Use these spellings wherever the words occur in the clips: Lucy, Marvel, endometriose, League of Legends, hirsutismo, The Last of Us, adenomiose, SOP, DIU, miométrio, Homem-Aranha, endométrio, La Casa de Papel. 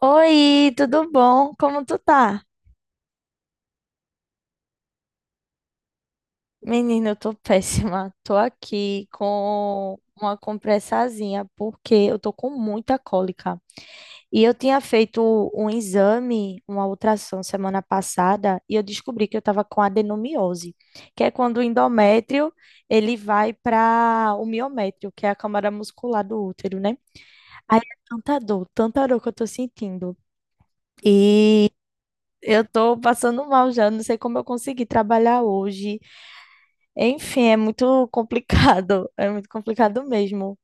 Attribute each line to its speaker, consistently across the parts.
Speaker 1: Oi, tudo bom? Como tu tá? Menina, eu tô péssima. Tô aqui com uma compressazinha porque eu tô com muita cólica. E eu tinha feito um exame, uma ultrassom semana passada, e eu descobri que eu tava com adenomiose, que é quando o endométrio ele vai para o miométrio, que é a câmara muscular do útero, né? Aí é tanta dor que eu tô sentindo. e Eu tô passando mal já, não sei como eu consegui trabalhar hoje. Enfim, é muito complicado, é muito complicado mesmo.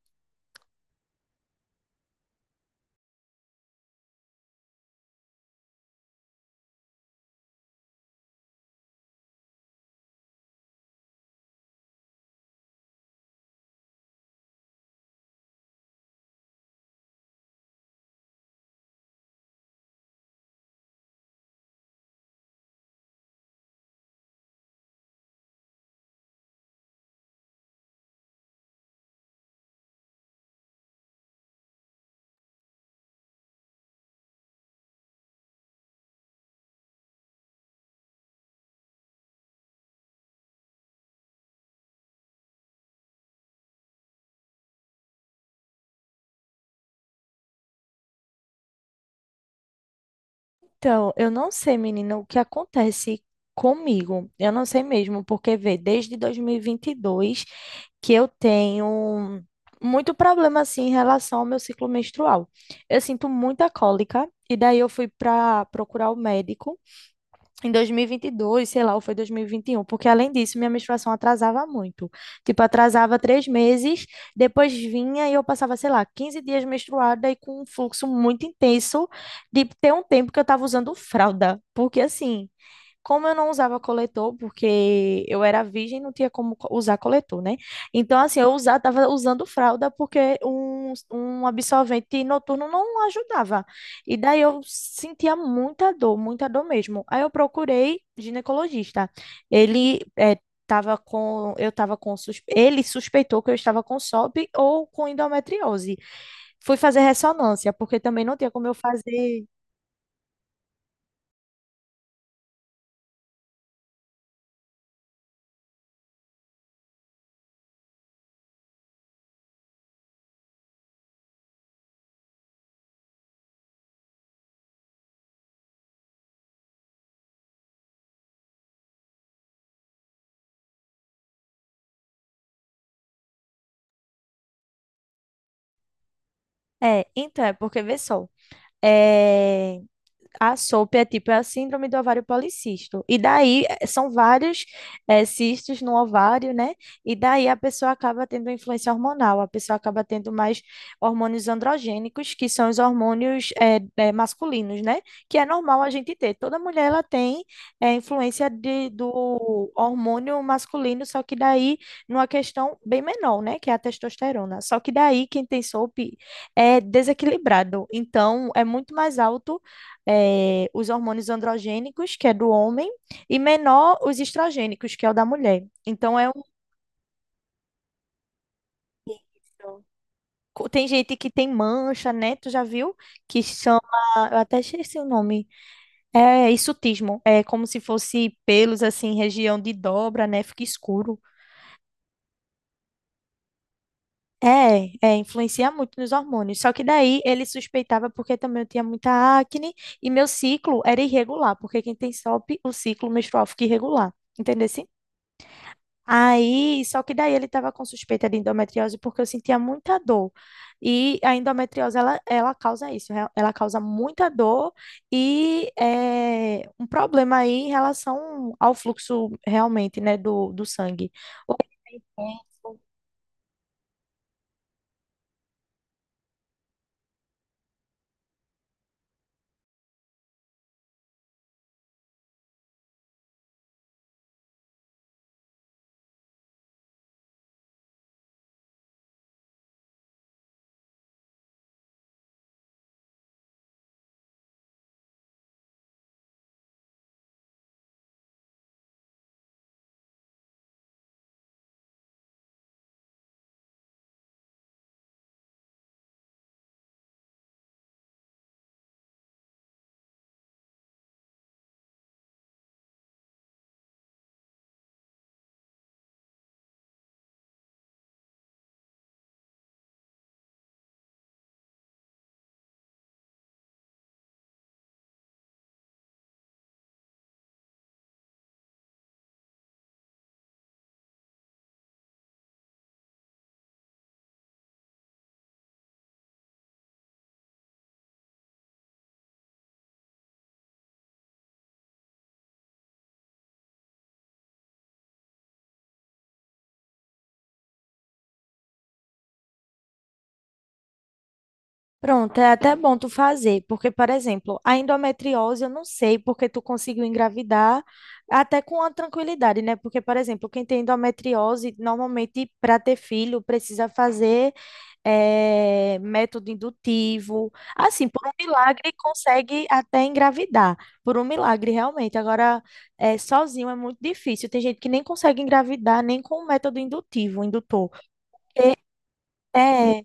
Speaker 1: Então, eu não sei, menina, o que acontece comigo. Eu não sei mesmo, porque vê, desde dois mil e vinte e dois que eu tenho muito problema assim em relação ao meu ciclo menstrual. Eu sinto muita cólica e daí eu fui para procurar o médico. Em 2022, sei lá, ou foi 2021, porque além disso, minha menstruação atrasava muito. Tipo, atrasava 3 meses, depois vinha e eu passava, sei lá, 15 dias menstruada e com um fluxo muito intenso de ter um tempo que eu tava usando fralda. Porque assim, como eu não usava coletor, porque eu era virgem, não tinha como usar coletor, né? Então, assim, tava usando fralda porque um absorvente noturno não ajudava. E daí eu sentia muita dor mesmo. Aí eu procurei ginecologista. Ele eh, tava com, eu tava com, sus- Ele suspeitou que eu estava com SOP ou com endometriose. Fui fazer ressonância, porque também não tinha como eu fazer. É, então, é porque, vê só. É, a SOP é, tipo, a síndrome do ovário policístico. E daí são vários cistos no ovário, né? E daí a pessoa acaba tendo influência hormonal, a pessoa acaba tendo mais hormônios androgênicos, que são os hormônios masculinos, né? Que é normal a gente ter. Toda mulher ela tem influência do hormônio masculino, só que daí numa questão bem menor, né? Que é a testosterona. Só que daí quem tem SOP é desequilibrado. Então é muito mais alto os hormônios androgênicos, que é do homem, e menor os estrogênicos, que é o da mulher. Então, tem gente que tem mancha, né? Tu já viu? Que chama. Eu até esqueci o nome. É, é hirsutismo. É como se fosse pelos, assim, região de dobra, né? Fica escuro. É, é, influencia muito nos hormônios. Só que daí ele suspeitava porque também eu tinha muita acne e meu ciclo era irregular, porque quem tem SOP, o P, o ciclo menstrual fica irregular. Entendeu? Aí, só que daí ele estava com suspeita de endometriose porque eu sentia muita dor. E a endometriose, ela causa isso, né? Ela causa muita dor e um problema aí em relação ao fluxo realmente, né, do sangue. O Pronto, é até bom tu fazer, porque, por exemplo, a endometriose eu não sei porque tu conseguiu engravidar até com a tranquilidade, né? Porque, por exemplo, quem tem endometriose, normalmente para ter filho precisa fazer método indutivo. Assim, por um milagre consegue até engravidar, por um milagre realmente. Agora, sozinho é muito difícil. Tem gente que nem consegue engravidar nem com o método indutivo, indutor. É,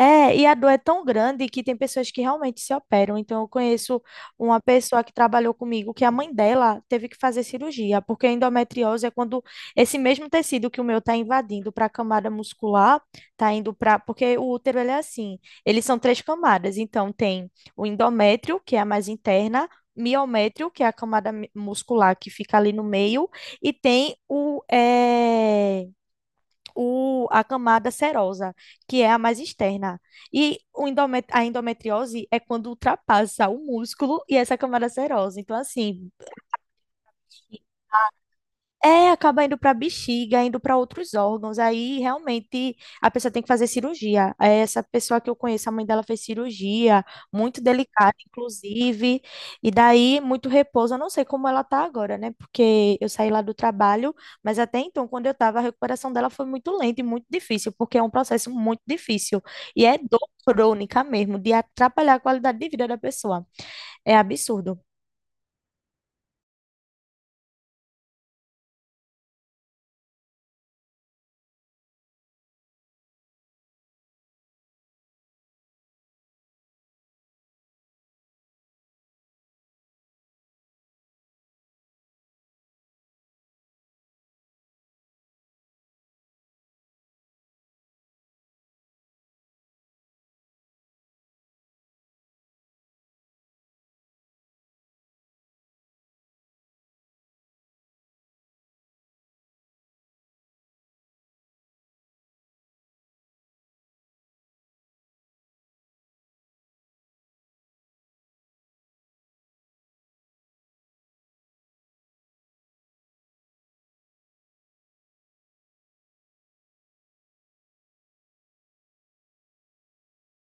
Speaker 1: é, e a dor é tão grande que tem pessoas que realmente se operam. Então, eu conheço uma pessoa que trabalhou comigo que a mãe dela teve que fazer cirurgia, porque a endometriose é quando esse mesmo tecido que o meu está invadindo para a camada muscular, está indo para. Porque o útero ele é assim, eles são 3 camadas. Então, tem o endométrio, que é a mais interna. Miométrio, que é a camada muscular que fica ali no meio, e tem a camada serosa, que é a mais externa. E o endomet A endometriose é quando ultrapassa o músculo e essa camada serosa. Então, assim, acaba indo para bexiga, indo para outros órgãos. Aí realmente a pessoa tem que fazer cirurgia. É, essa pessoa que eu conheço, a mãe dela fez cirurgia, muito delicada, inclusive. E daí muito repouso. Eu não sei como ela tá agora, né? Porque eu saí lá do trabalho, mas até então, a recuperação dela foi muito lenta e muito difícil, porque é um processo muito difícil. E é dor crônica mesmo, de atrapalhar a qualidade de vida da pessoa. É absurdo.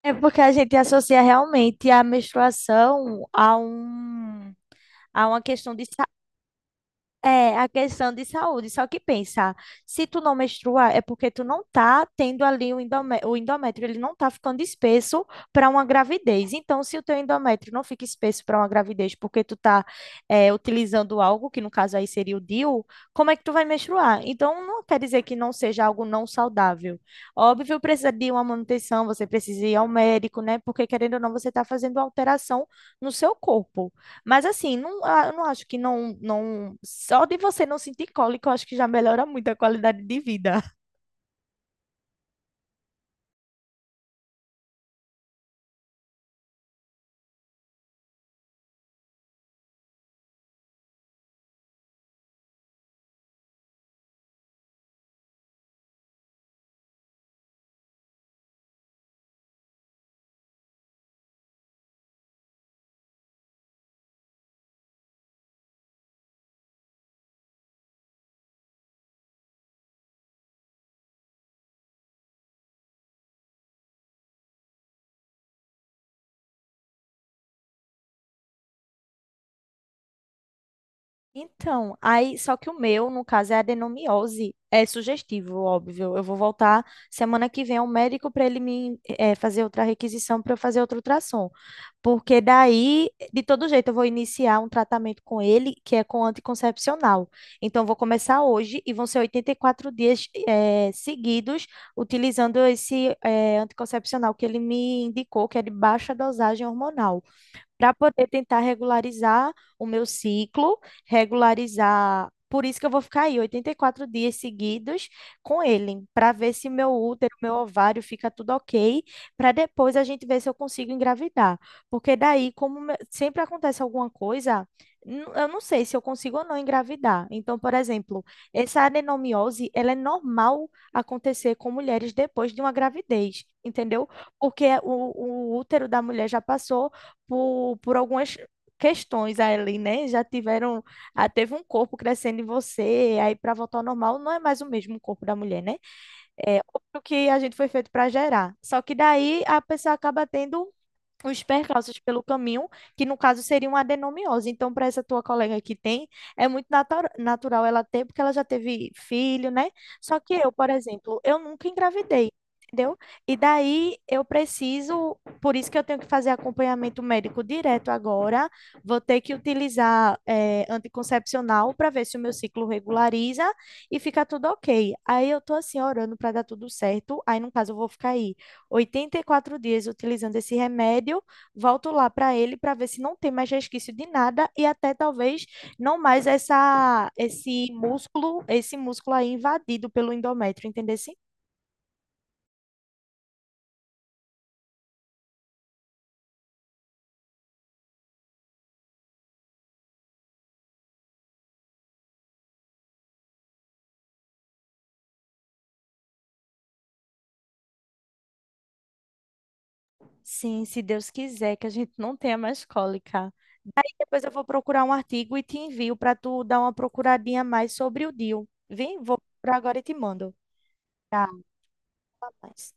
Speaker 1: É porque a gente associa realmente a menstruação a uma questão de saúde, só que pensa, se tu não menstruar é porque tu não tá tendo ali o endométrio, ele não tá ficando espesso para uma gravidez. Então, se o teu endométrio não fica espesso para uma gravidez porque tu tá utilizando algo, que no caso aí seria o DIU, como é que tu vai menstruar? Então, não quer dizer que não seja algo não saudável. Óbvio, precisa de uma manutenção, você precisa ir ao médico, né? Porque querendo ou não, você tá fazendo uma alteração no seu corpo. Mas assim, não, ah, eu não acho que não, não. Só de você não sentir cólica, eu acho que já melhora muito a qualidade de vida. Então, aí, só que o meu, no caso, é adenomiose. É sugestivo, óbvio. Eu vou voltar semana que vem ao médico para ele me fazer outra requisição para eu fazer outro ultrassom. Porque daí, de todo jeito, eu vou iniciar um tratamento com ele, que é com anticoncepcional. Então, eu vou começar hoje e vão ser 84 dias seguidos utilizando esse anticoncepcional que ele me indicou, que é de baixa dosagem hormonal para poder tentar regularizar o meu ciclo, regularizar. Por isso que eu vou ficar aí 84 dias seguidos com ele, para ver se meu útero, meu ovário fica tudo ok, para depois a gente ver se eu consigo engravidar. Porque daí, como sempre acontece alguma coisa, eu não sei se eu consigo ou não engravidar. Então, por exemplo, essa adenomiose, ela é normal acontecer com mulheres depois de uma gravidez, entendeu? Porque o útero da mulher já passou por algumas questões ali, né? Teve um corpo crescendo em você, aí para voltar ao normal não é mais o mesmo corpo da mulher, né? É o que a gente foi feito para gerar. Só que daí a pessoa acaba tendo os percalços pelo caminho, que no caso seria uma adenomiose. Então, para essa tua colega que tem, é muito natural ela ter, porque ela já teve filho, né? Só que eu, por exemplo, eu nunca engravidei. Entendeu? E daí por isso que eu tenho que fazer acompanhamento médico direto agora. Vou ter que utilizar anticoncepcional para ver se o meu ciclo regulariza e fica tudo ok. Aí eu tô assim orando para dar tudo certo. Aí no caso eu vou ficar aí 84 dias utilizando esse remédio, volto lá para ele para ver se não tem mais resquício de nada e até talvez não mais esse músculo aí invadido pelo endométrio, entendeu? Sim, sim se Deus quiser que a gente não tenha mais cólica. Depois eu vou procurar um artigo e te envio para tu dar uma procuradinha mais sobre o DIU. Vem, vou procurar agora e te mando. Tá, mas...